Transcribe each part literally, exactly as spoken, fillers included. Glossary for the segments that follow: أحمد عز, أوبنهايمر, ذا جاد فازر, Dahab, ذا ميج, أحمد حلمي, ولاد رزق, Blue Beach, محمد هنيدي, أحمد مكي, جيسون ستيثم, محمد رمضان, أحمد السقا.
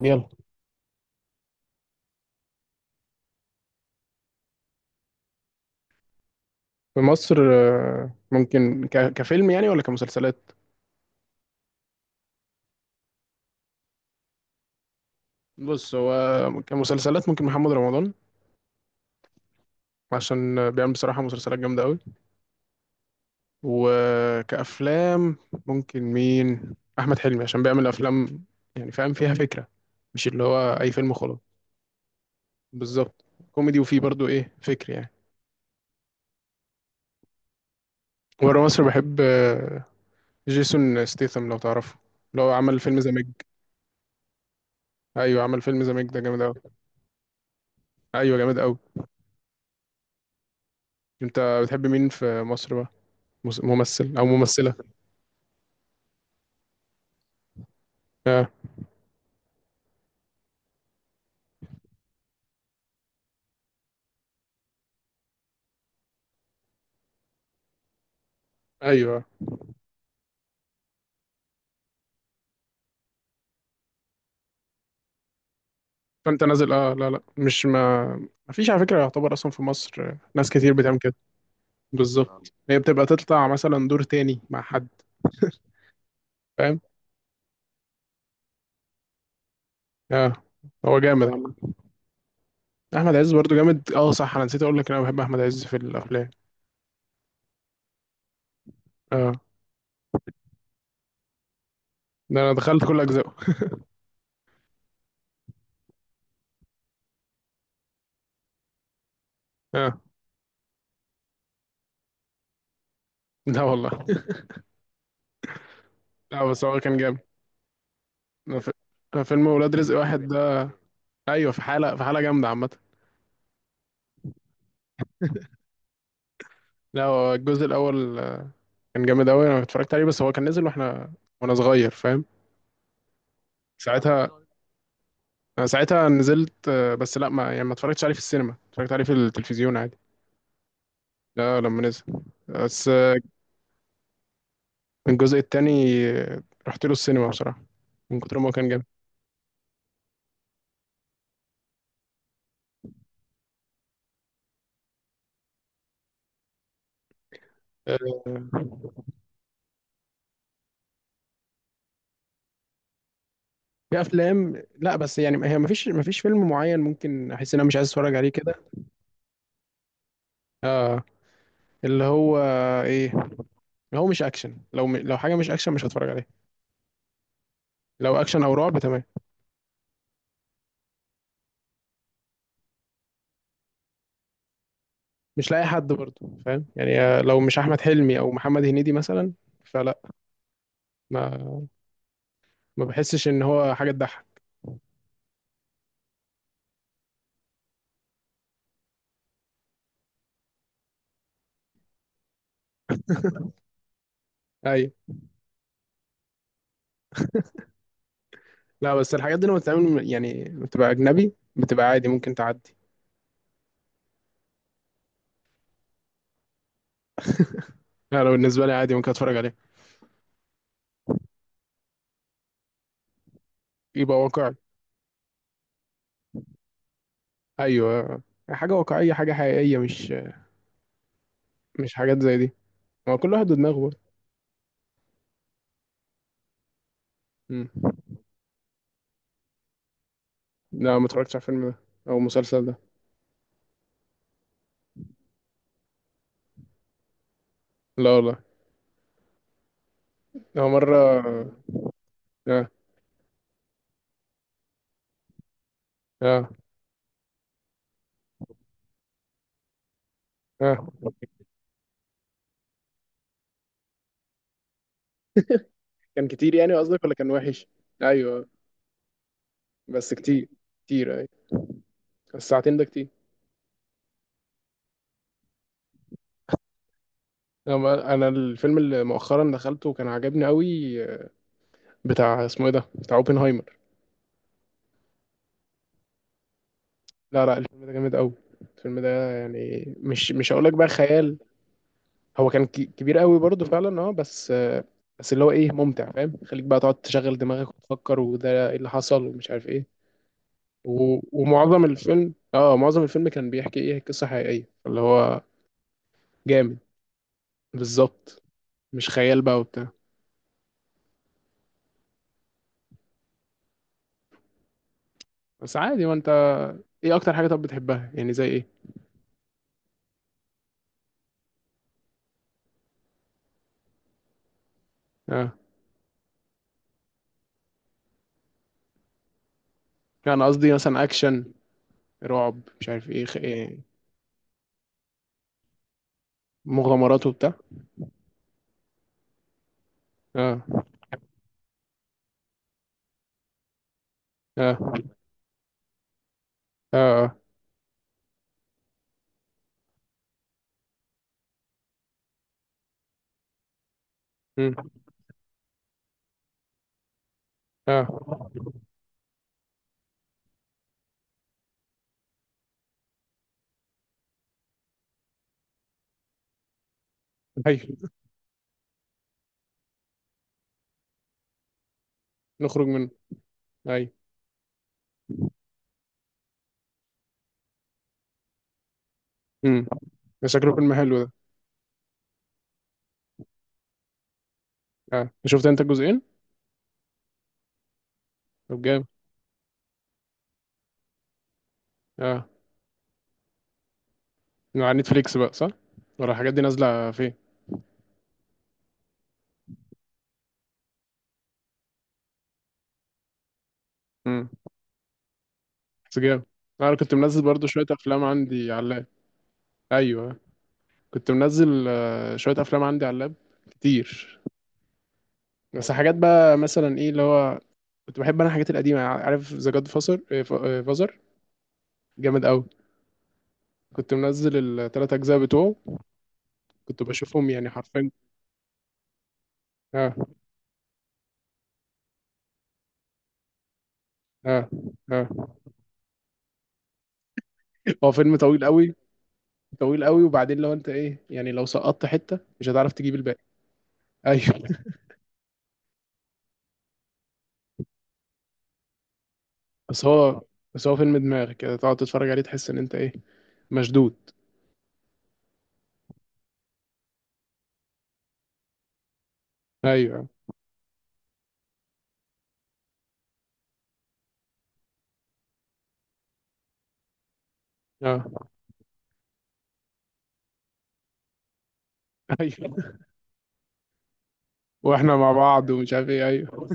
يلا. في مصر آه، ممكن ك- كفيلم يعني ولا كمسلسلات؟ بص، هو كمسلسلات ممكن محمد رمضان، عشان آه، بيعمل بصراحة مسلسلات جامدة قوي. وكأفلام ممكن مين؟ أحمد حلمي، عشان بيعمل أفلام يعني فاهم فيها فكرة، مش اللي هو أي فيلم خلاص. بالظبط، كوميدي وفيه برضو إيه فكر يعني. ورا مصر بحب آه، جيسون ستيثم، لو تعرفه، اللي هو عمل فيلم ذا ميج. أيوه، عمل فيلم ذا ميج ده جامد أوي. أيوه، جامد أوي. أنت بتحب مين في مصر بقى؟ مس- ممثل او ممثله؟ آه. ايوه، فانت نازل. اه، لا، لا، مش ما ما فيش على فكره، يعتبر اصلا في مصر آه، ناس كتير بتعمل كده. بالظبط، هي بتبقى تطلع مثلا دور تاني مع حد، فاهم. اه. هو جامد عامة. احمد عز برضو جامد. اه صح، انا نسيت اقول لك إن انا بحب احمد عز في الافلام. اه، ده انا دخلت كل اجزائه. اه، لا والله لا بس هو كان جامد. أنا في- أنا فيلم ولاد رزق واحد ده. ايوه، في حاله، في حاله جامده عامه. لا، هو الجزء الاول آه، كان جامد قوي، انا اتفرجت عليه، بس هو كان نزل واحنا وانا صغير، فاهم. ساعتها انا ساعتها نزلت آه، بس لا، ما يعني ما اتفرجتش عليه في السينما، اتفرجت عليه في التلفزيون عادي. لا لما نزل، بس آه، الجزء التاني آه، رحت له السينما بصراحة، من كتر ما هو كان جامد. آه، في افلام، لا بس يعني هي ما فيش ما فيش فيلم معين ممكن احس ان انا مش عايز اتفرج عليه كده. اه، اللي هو ايه اللي هو مش اكشن، لو م... لو حاجه مش اكشن مش هتفرج عليه. لو اكشن او رعب تمام. مش لاقي حد برضه، فاهم يعني، آه، لو مش احمد حلمي او محمد هنيدي مثلا، فلا. ما ما بحسش ان هو حاجه تضحك. ايوه. لا بس الحاجات دي لما بتتعمل من- يعني بتبقى اجنبي، بتبقى عادي ممكن تعدي. انا بالنسبه لي عادي ممكن اتفرج عليها. يبقى واقعي. ايوه، حاجه واقعيه، حاجه حقيقيه، مش مش حاجات زي دي. هو كل واحد ودماغه برضه. مم. لا، ما اتفرجتش على الفيلم ده او المسلسل ده. لا والله. هو مره. اه، اه، اه، كان كتير يعني قصدك، ولا كان وحش؟ ايوه، بس كتير. كتير أي، الساعتين ده كتير. أنا أنا الفيلم اللي مؤخرا دخلته كان عجبني قوي، بتاع اسمه إيه ده، بتاع أوبنهايمر. لا لا، الفيلم ده جامد قوي. الفيلم ده يعني مش، مش هقول لك بقى خيال. هو كان كي- كبير قوي برضه فعلا، أه بس آه، بس اللي هو إيه ممتع، فاهم، خليك بقى تقعد تشغل دماغك وتفكر، وده إيه اللي حصل ومش عارف إيه. و- ومعظم الفيلم، أه، معظم الفيلم كان بيحكي إيه قصة حقيقية، اللي هو جامد. بالظبط، مش خيال بقى وبتاع. بس عادي. ما انت ايه اكتر حاجه طب بتحبها يعني زي ايه؟ اه، يعني قصدي مثلا اكشن، رعب، مش عارف ايه، خ... إيه، مغامرات وبتاع. اه، اه، اه، اه. مم. اه. هاي، نخرج منه. هاي. امم. ده شكله فيلم حلو ده. اه، شفت انت الجزئين. طب جامد. اه، على نتفليكس بقى صح، ولا الحاجات دي نازله فين؟ امم. بس جامد. آه، انا كنت منزل برضو شويه افلام عندي على اللاب. ايوه، كنت منزل آه، شويه افلام عندي على اللاب كتير. بس حاجات بقى مثلا ايه اللي هو، كنت بحب انا الحاجات القديمه. عارف ذا جاد فازر؟ فازر، جامد قوي. كنت منزل الثلاث اجزاء بتوعه، كنت بشوفهم يعني حرفيا. اه، اه، اه. هو فيلم طويل قوي، طويل قوي. وبعدين لو انت ايه يعني، لو سقطت حته مش هتعرف تجيب الباقي. ايوه بس هو، بس هو فيلم دماغ كده، تقعد تتفرج عليه تحس ان انت ايه، مشدود. ايوه. اه. ايوه واحنا مع بعض ومش عارف ايه، ايوه.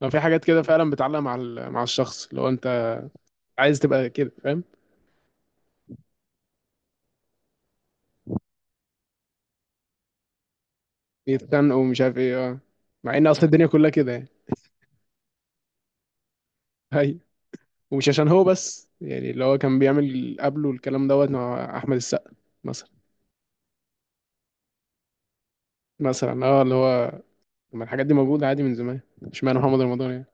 ما في حاجات كده فعلا بتعلق مع ال- مع الشخص، لو انت عايز تبقى كده، فاهم. بيتخانقوا ومش عارف ايه، اه. مع ان اصل الدنيا كلها كده يعني. هي. ومش عشان هو بس يعني، اللي هو كان بيعمل قبله الكلام دوت مع احمد السقا مثلا. مثلا، اه، اللي هو، ما الحاجات دي موجوده عادي من زمان، اشمعنى محمد رمضان يعني.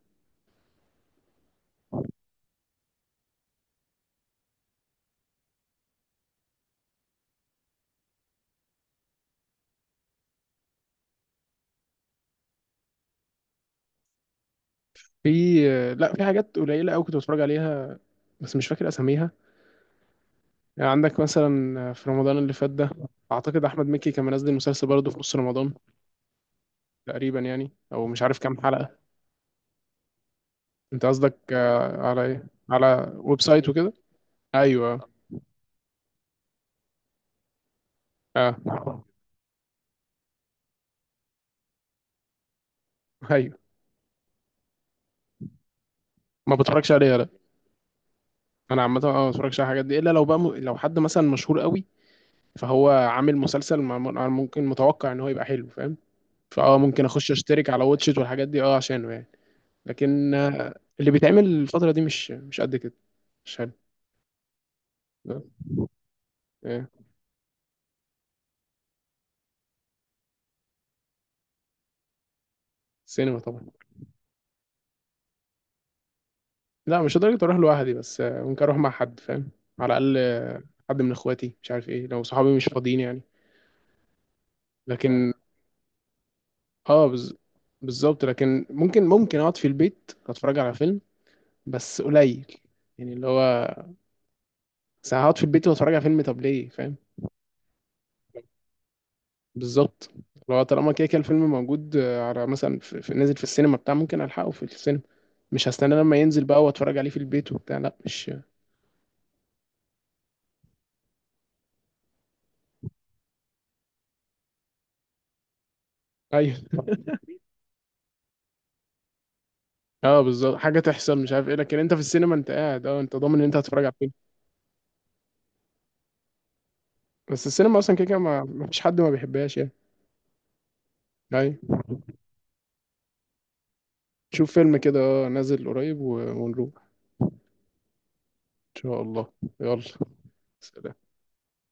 في آه، لا، في حاجات قليله قوي كنت بتفرج عليها، بس مش فاكر اساميها. يعني عندك مثلا آه، في رمضان اللي فات ده، اعتقد احمد مكي كان منزل مسلسل برضه في نص رمضان تقريبا يعني، او مش عارف كام حلقه. انت قصدك آه، على ايه، على ويب سايت وكده؟ ايوه. اه، ايوه، ما بتفرجش عليها لا. انا عامه اه ما بتفرجش على الحاجات دي، الا لو بقى م... لو حد مثلا مشهور قوي فهو عامل مسلسل مع... مع- ممكن متوقع ان هو يبقى حلو، فاهم. فاه، ممكن اخش اشترك على واتشيت والحاجات دي، اه، عشانه يعني. لكن آه، اللي بيتعمل الفتره دي مش، مش قد كده، مش حلو. لا. آه، سينما طبعا. لا، مش لدرجه اروح لوحدي، بس آه، ممكن اروح مع حد، فاهم. على الاقل آه، حد من اخواتي، مش عارف ايه، لو صحابي مش فاضيين يعني. لكن اه، بز... بالظبط، لكن ممكن ممكن اقعد في البيت اتفرج على فيلم، بس قليل. يعني اللي هو، بس هقعد في البيت واتفرج على فيلم طب ليه، فاهم. بالظبط. لو طالما كده كده الفيلم موجود آه، على مثلا في في- نازل في السينما بتاع، ممكن الحقه في السينما، مش هستنى لما ينزل بقى واتفرج عليه في البيت وبتاع، لا مش. ايوه اه، بالظبط، حاجه تحصل مش عارف ايه، لكن انت في السينما انت قاعد، اه، انت ضامن ان انت هتتفرج على الفيلم. بس السينما اصلا كده كده، ما ما فيش حد ما بيحبهاش يعني. ايوه، شوف فيلم كده اه نازل قريب و- ونروح. ان شاء الله. يلا. سلام.